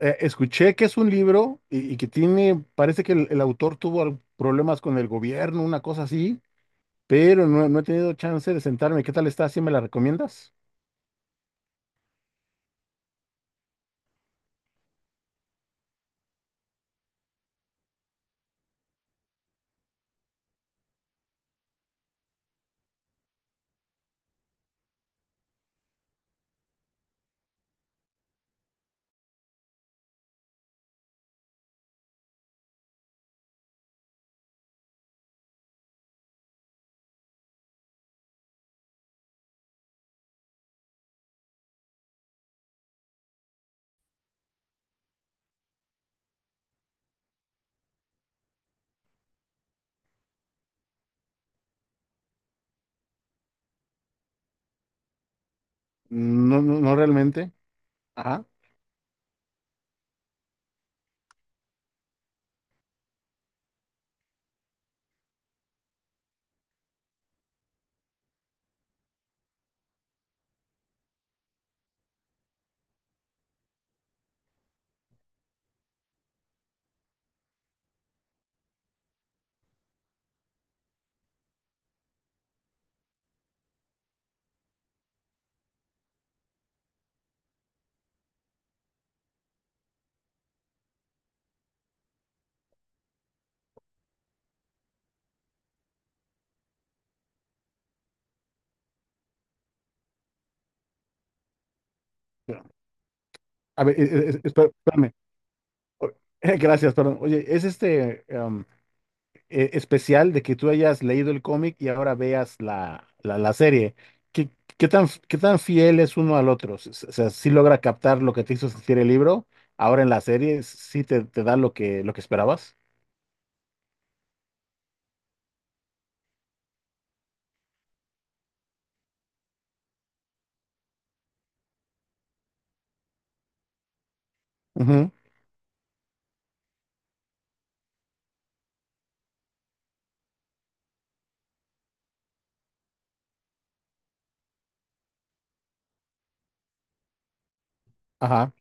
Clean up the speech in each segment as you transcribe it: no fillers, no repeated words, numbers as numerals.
Escuché que es un libro y, que tiene, parece que el autor tuvo problemas con el gobierno, una cosa así, pero no he tenido chance de sentarme. ¿Qué tal está? ¿Sí me la recomiendas? No, no, no realmente. Ajá. Pero, a ver, espérame. O- Gracias, perdón. Oye, es especial de que tú hayas leído el cómic y ahora veas la serie. ¿Qué, ¿qué tan, qué tan fiel es uno al otro? O sea, si logra captar lo que te hizo sentir el libro, ahora en la serie sí te da lo que esperabas. Ujú. Ajá.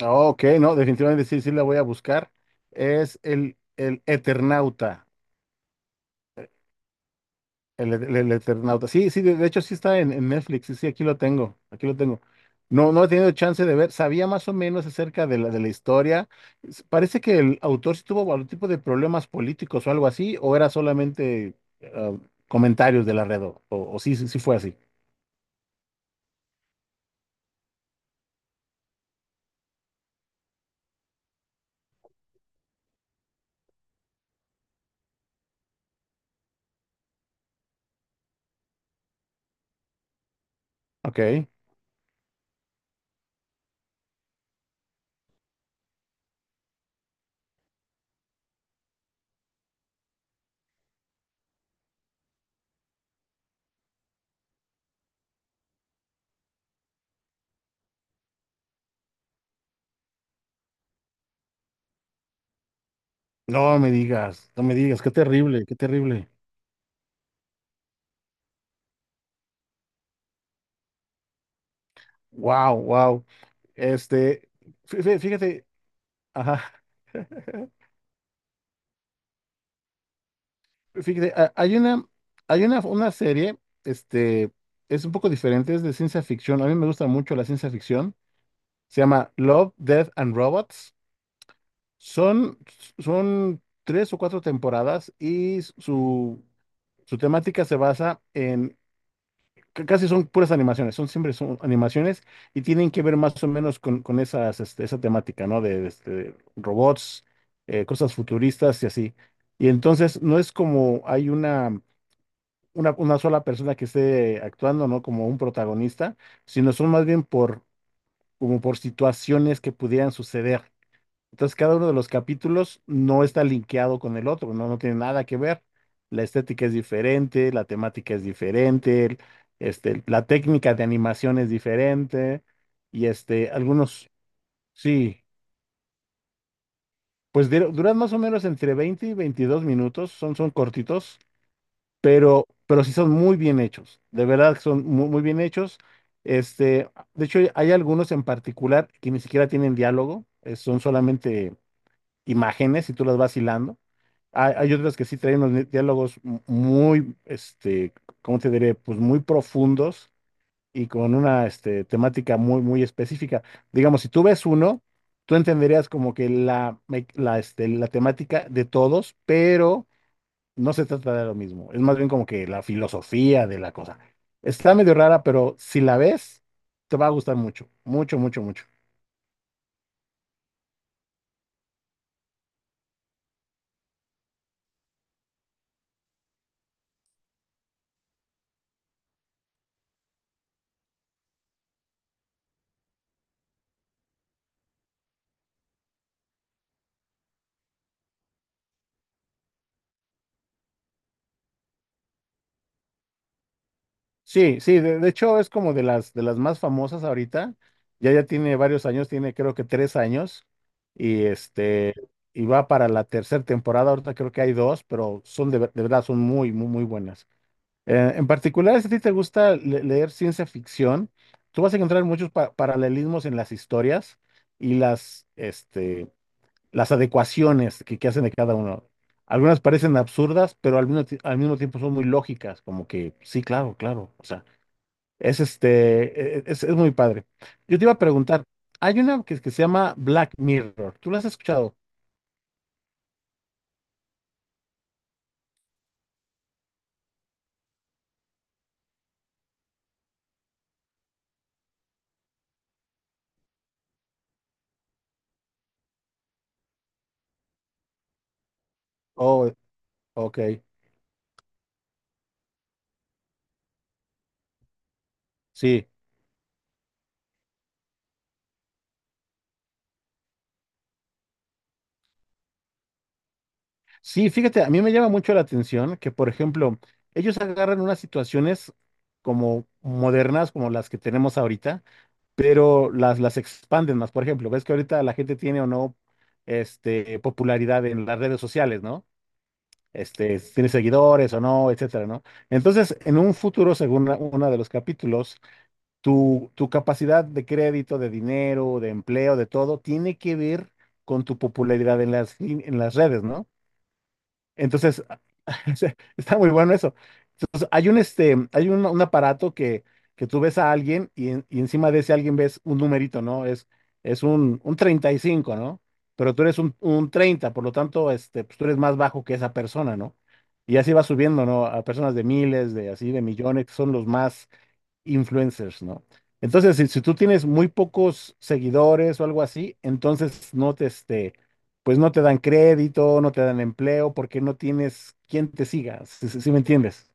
Ah, ok, no, definitivamente sí, sí la voy a buscar. Es el Eternauta. El Eternauta. Sí, sí, de hecho sí está en Netflix. Sí, sí, aquí lo tengo. Aquí lo tengo. No, no he tenido chance de ver. Sabía más o menos acerca de de la historia. Parece que el autor sí tuvo algún tipo de problemas políticos o algo así, o era solamente ah, comentarios de la red, o sí, sí, sí fue así. Ok. No me digas, no me digas, qué terrible, qué terrible. Wow, wow. Este, fíjate, ajá. Fíjate, una serie, este, es un poco diferente, es de ciencia ficción. A mí me gusta mucho la ciencia ficción. Se llama Love, Death and Robots. Son, son tres o cuatro temporadas y su temática se basa en, c- casi son puras animaciones, son siempre son animaciones y tienen que ver más o menos con esas, esa temática, ¿no? Robots, cosas futuristas y así. Y entonces no es como hay una sola persona que esté actuando, ¿no? Como un protagonista, sino son más bien como por situaciones que pudieran suceder. Entonces, cada uno de los capítulos no está linkeado con el otro, ¿no? No tiene nada que ver. La estética es diferente, la temática es diferente, la técnica de animación es diferente, y sí, pues duran más o menos entre 20 y 22 minutos, son, son cortitos. Pero sí son muy bien hechos, de verdad que son muy, muy bien hechos. Este, de hecho, hay algunos en particular que ni siquiera tienen diálogo, son solamente imágenes y tú las vas hilando. Hay otras que sí traen unos muy, ¿cómo te diré? Pues muy profundos y con una, temática muy, muy específica. Digamos, si tú ves uno, tú entenderías como que la, me- la, este, la temática de todos, pero no se trata de lo mismo, es más bien como que la filosofía de la cosa. Está medio rara, pero si la ves, te va a gustar mucho, mucho, mucho, mucho. Sí, sí, de hecho es como de de las más famosas ahorita, ya ya tiene varios años, tiene creo que tres años, y y va para la tercera temporada, ahorita creo que hay dos, pero son de verdad, son muy, muy, muy buenas. En particular, si a ti te gusta leer ciencia ficción, tú vas a encontrar muchos paralelismos en las historias y las adecuaciones que hacen de cada uno. Algunas parecen absurdas, pero al mismo tiempo son muy lógicas, como que sí, claro, claro. O sea, es este, e- e, es muy padre. Yo te iba a preguntar, hay una que se llama Black Mirror. ¿Tú la has escuchado? Oh, ok, sí. Sí, fíjate, a mí me llama mucho la atención que, por ejemplo, ellos agarran unas situaciones como modernas, como las que tenemos ahorita, pero las expanden más. Por ejemplo, ves que ahorita la gente tiene o no popularidad en las redes sociales, ¿no? Este, si tiene seguidores o no, etcétera, ¿no? Entonces, en un futuro, según uno de los capítulos, tu capacidad de crédito, de dinero, de empleo, de todo, tiene que ver con tu popularidad en en las redes, ¿no? Entonces, está muy bueno eso. Entonces, hay un aparato que tú ves a alguien y, y encima de ese alguien ves un numerito, ¿no? Un 35, ¿no? Pero tú eres un 30, por lo tanto, pues tú eres más bajo que esa persona, ¿no? Y así va subiendo, ¿no? A personas de miles, de así, de millones, que son los más, influencers, ¿no? Entonces, si tú tienes muy pocos seguidores o algo así, entonces pues no te dan crédito, no te dan empleo, porque no tienes quien te siga, si me entiendes.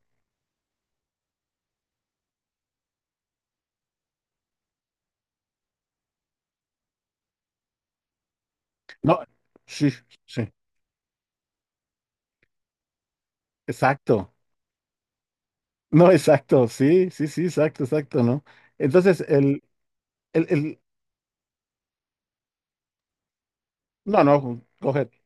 No, sí, sí, exacto. No, exacto, sí, sí, sí, exacto, exacto, ¿no? Entonces, el, el, no, no, coge.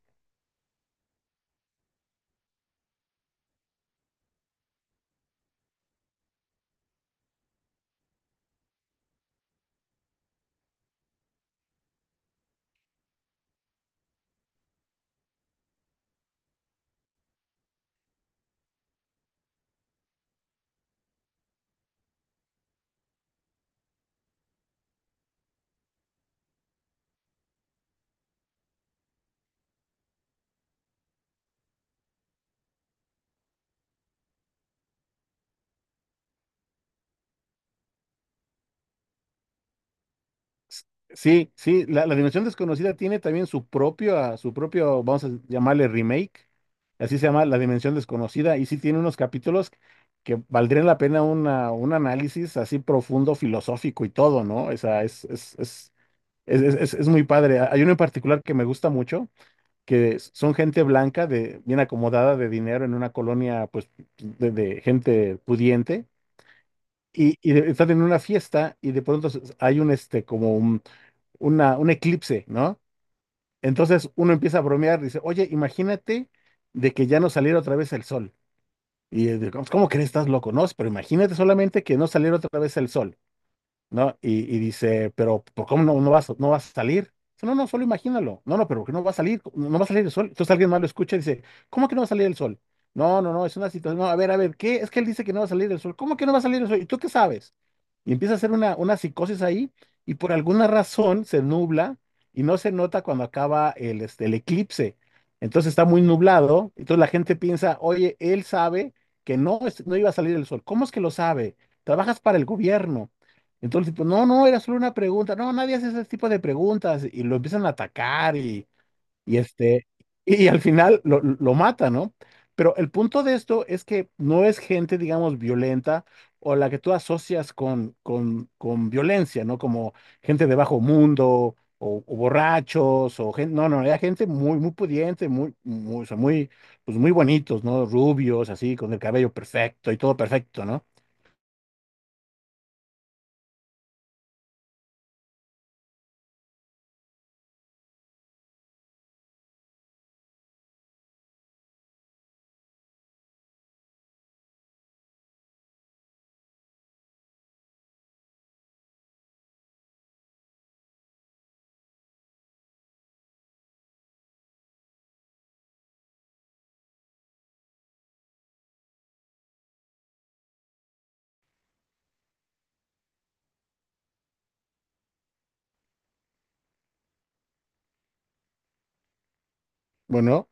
S- Sí, sí, la Dimensión Desconocida tiene también su propio, ah, su propio, vamos a llamarle remake, así se llama La Dimensión Desconocida, y sí tiene unos capítulos que valdrían la pena un análisis así profundo, filosófico y todo, ¿no? O sea, es muy padre. Hay uno en particular que me gusta mucho, que son gente blanca, de, bien acomodada de dinero en una colonia, pues, de gente pudiente, y están en una fiesta y de pronto s- hay un, este, como un una, un eclipse, ¿no? Entonces uno empieza a bromear, dice, oye, imagínate de que ya no saliera otra vez el sol. Y ¿cómo, cómo crees? Estás loco, ¿no? Pero imagínate solamente que no saliera otra vez el sol. ¿No? Y dice, pero ¿por cómo no vas, no vas a salir? Dice, no, no, solo imagínalo. No, no, pero ¿por qué no va a salir? No, no va a salir el sol. Entonces alguien más lo escucha y dice, ¿cómo que no va a salir el sol? No, no, no, es una situación. No, a ver, ¿qué? Es que él dice que no va a salir el sol. ¿Cómo que no va a salir el sol? ¿Y tú qué sabes? Y empieza a hacer una psicosis ahí y por alguna razón se nubla y no se nota cuando acaba el eclipse. Entonces está muy nublado. Entonces la gente piensa, oye, él sabe que no, no iba a salir el sol. ¿Cómo es que lo sabe? Trabajas para el gobierno. Entonces, pues no, no, era solo una pregunta. No, nadie hace ese tipo de preguntas y lo empiezan a atacar y, y este, y al final lo mata, ¿no? Pero el punto de esto es que no es gente, digamos, violenta o la que tú asocias con violencia, ¿no? Como gente de bajo mundo o borrachos o gente, no, no, era gente muy, muy pudiente, muy, muy, o sea, muy, pues muy bonitos, ¿no? Rubios, así, con el cabello perfecto y todo perfecto, ¿no? Bueno.